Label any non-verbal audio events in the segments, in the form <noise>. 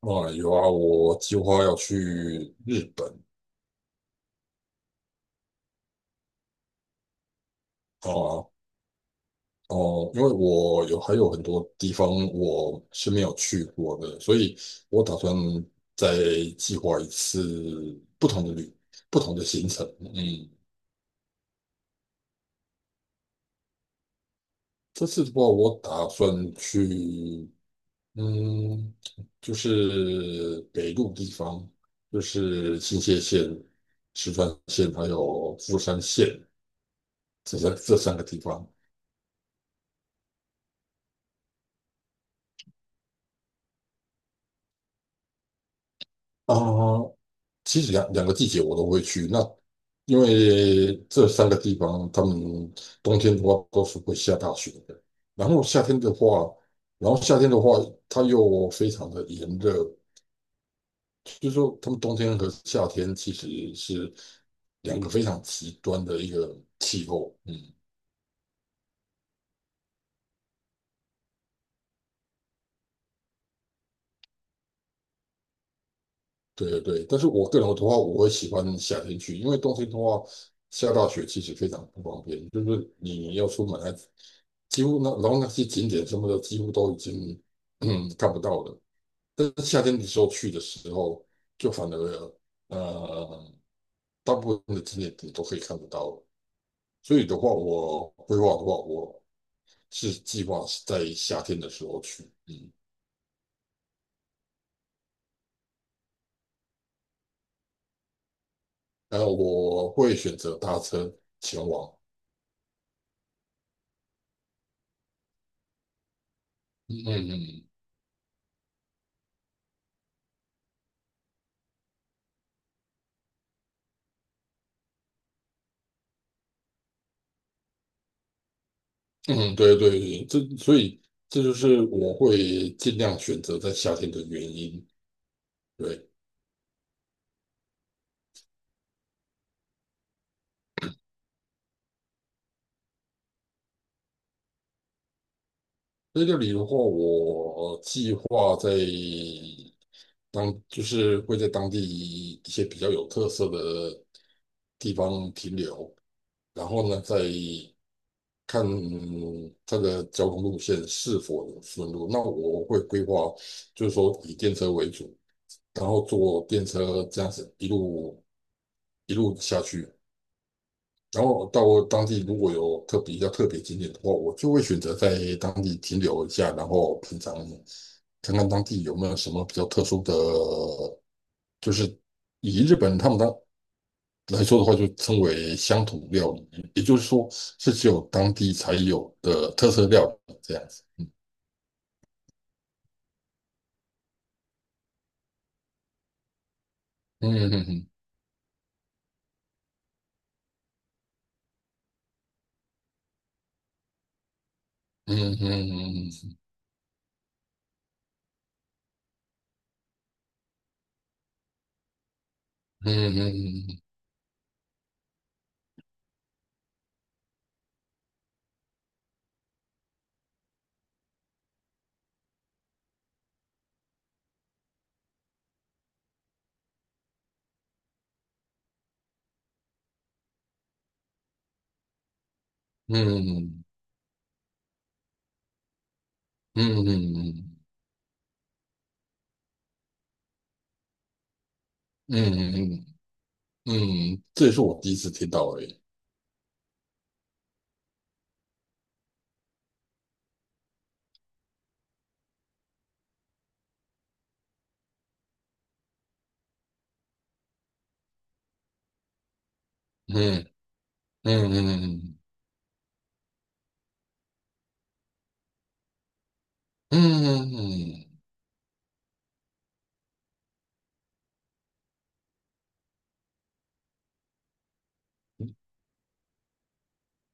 啊，有啊，我计划要去日本。啊，哦、因为我还有很多地方我是没有去过的，所以我打算再计划一次不同的行程。嗯，这次的话，我打算去，嗯，就是北陆地方，就是新泻县、石川县还有富山县这三个地方。啊，其实两个季节我都会去。那因为这三个地方，他们冬天的话都是会下大雪的，然后夏天的话，然后夏天的话，它又非常的炎热，就是说他们冬天和夏天其实是两个非常极端的一个气候。嗯，对对对，但是我个人的话，我会喜欢夏天去，因为冬天的话下大雪其实非常不方便，就是你要出门还几乎那然后那些景点什么的几乎都已经看不到了。但是夏天的时候去的时候，就反而呃大部分的景点你都可以看得到。所以的话，我规划的话，我是计划是在夏天的时候去。嗯，然后我会选择搭车前往。嗯嗯嗯。嗯，对对，对，所以这就是我会尽量选择在夏天的原因。对，这里的话，我计划在就是会在当地一些比较有特色的地方停留，然后呢，再看它的交通路线是否能顺路。那我会规划，就是说以电车为主，然后坐电车这样子一路下去。然后到当地如果有特别比较特别景点的话，我就会选择在当地停留一下，然后品尝看看当地有没有什么比较特殊的，就是以日本他们来说的话，就称为乡土料理，也就是说是只有当地才有的特色料理这样子。嗯嗯嗯嗯嗯嗯嗯嗯嗯嗯嗯嗯，这也是我第一次听到而已。嗯嗯嗯嗯。嗯嗯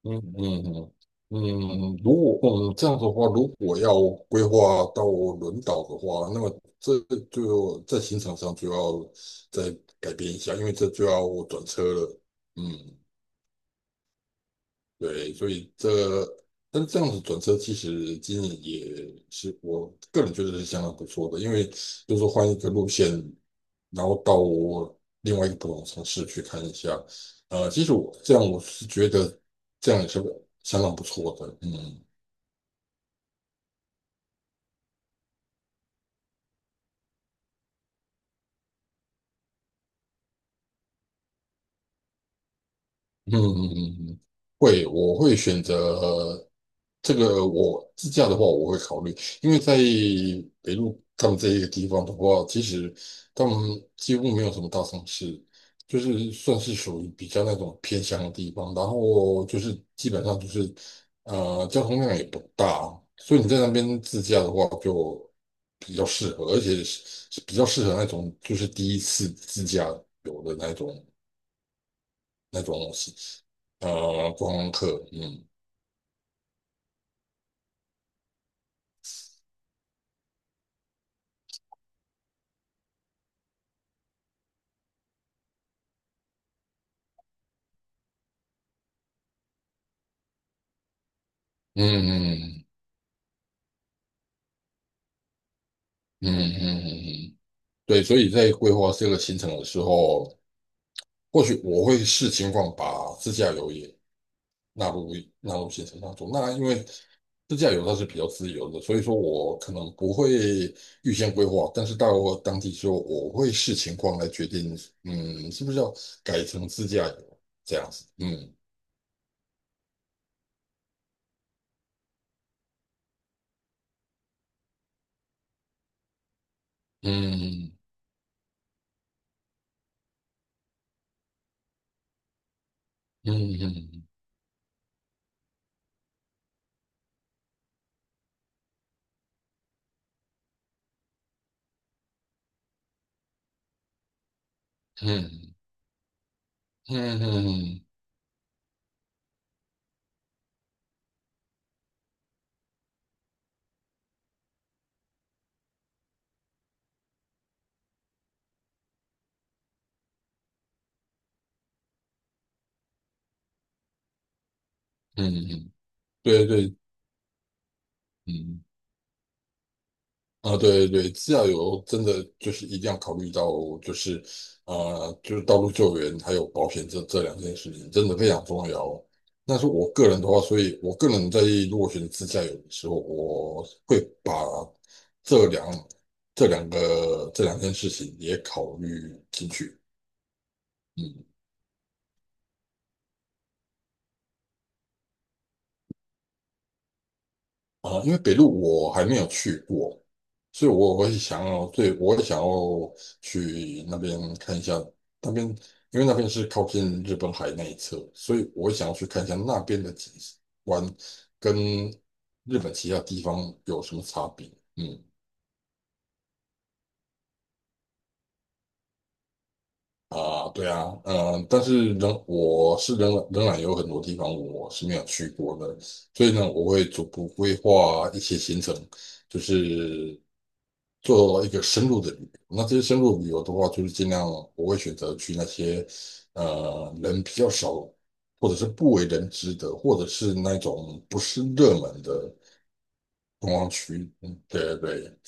嗯嗯，嗯，如果这样子的话，如果要规划到轮岛的话，那么这就在行程上就要再改变一下，因为这就要转车了。嗯，对，所以这个但这样子转车其实经营也是我个人觉得是相当不错的，因为就是说换一个路线，然后到另外一个不同的城市去看一下。其实我这样我是觉得这样也是相当不错的，嗯。嗯嗯嗯，嗯嗯，会，我会选择这个。我自驾的话，我会考虑，因为在北路他们这一个地方的话，其实他们几乎没有什么大城市，就是算是属于比较那种偏乡的地方。然后就是基本上就是交通量也不大，所以你在那边自驾的话就比较适合，而且是比较适合那种就是第一次自驾游的那种。那种观光客，嗯嗯嗯嗯嗯嗯，嗯，对，所以在规划这个行程的时候，或许我会视情况把自驾游也纳入纳入行程当中。那因为自驾游它是比较自由的，所以说我可能不会预先规划，但是到当地之后，我会视情况来决定，嗯，是不是要改成自驾游这样子，嗯嗯嗯嗯嗯嗯嗯嗯嗯嗯。嗯嗯，对对，嗯，啊，对对对，自驾游真的就是一定要考虑到，就是就是道路救援还有保险这两件事情，真的非常重要哦。那是我个人的话，所以我个人在如果选自驾游的时候，我会把这两这两件事情也考虑进去。嗯。啊，因为北路我还没有去过，所以我会想要，对，我会想要去那边看一下。那边因为那边是靠近日本海那一侧，所以我会想要去看一下那边的景观跟日本其他地方有什么差别。嗯，啊，对啊，嗯，但是仍我是仍仍然有很多地方我是没有去过的，所以呢，我会逐步规划一些行程，就是做一个深入的旅游。那这些深入旅游的话，就是尽量我会选择去那些人比较少，或者是不为人知的，或者是那种不是热门的观光区。嗯，对对对，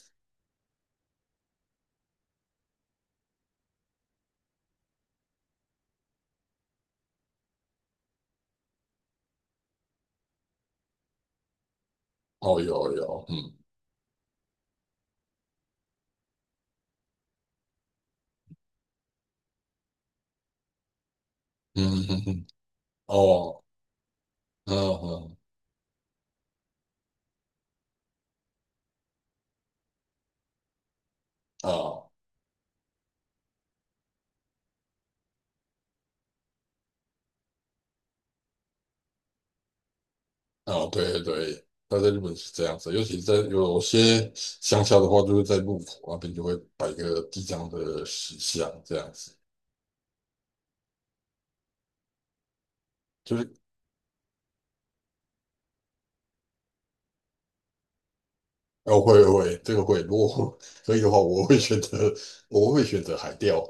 哦，有有，嗯嗯嗯嗯，哦，嗯嗯，啊，啊，对对对。那在日本是这样子，尤其在有些乡下的话，就是在路口那边就会摆一个地藏的石像，这样子。就是。哦，会会，这个会。如果 <laughs> 可以的话，我会选择，我会选择海钓。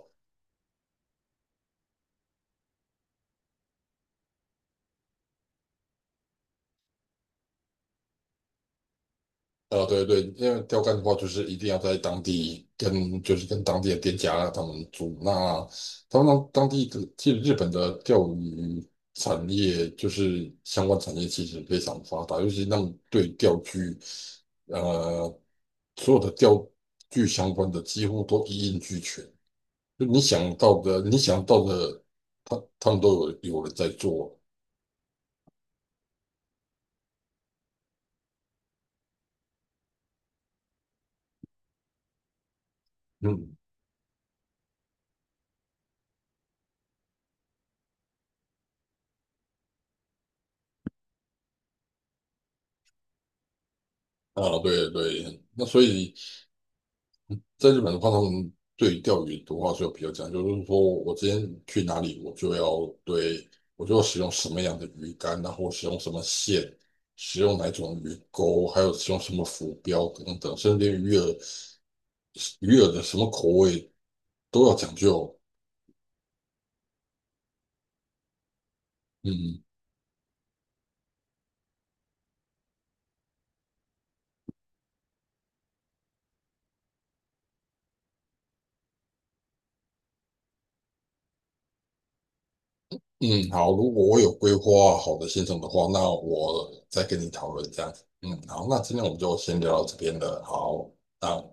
对对，因为钓竿的话，就是一定要在当地跟，就是跟当地的店家他们租。那他们当地的，其实日本的钓鱼产业就是相关产业其实非常发达，尤其那种对钓具，呃，所有的钓具相关的几乎都一应俱全。就你想到的，你想到的，他们都有人在做。嗯，啊，对对，那所以在日本的话，他们对于钓鱼的话是有比较讲究，就是说我今天去哪里，我就要使用什么样的鱼竿，然后使用什么线，使用哪种鱼钩，还有使用什么浮标等等，甚至鱼饵的什么口味都要讲究。嗯嗯，好，如果我有规划好的行程的话，那我再跟你讨论这样子。嗯，好，那今天我们就先聊到这边了，好，那。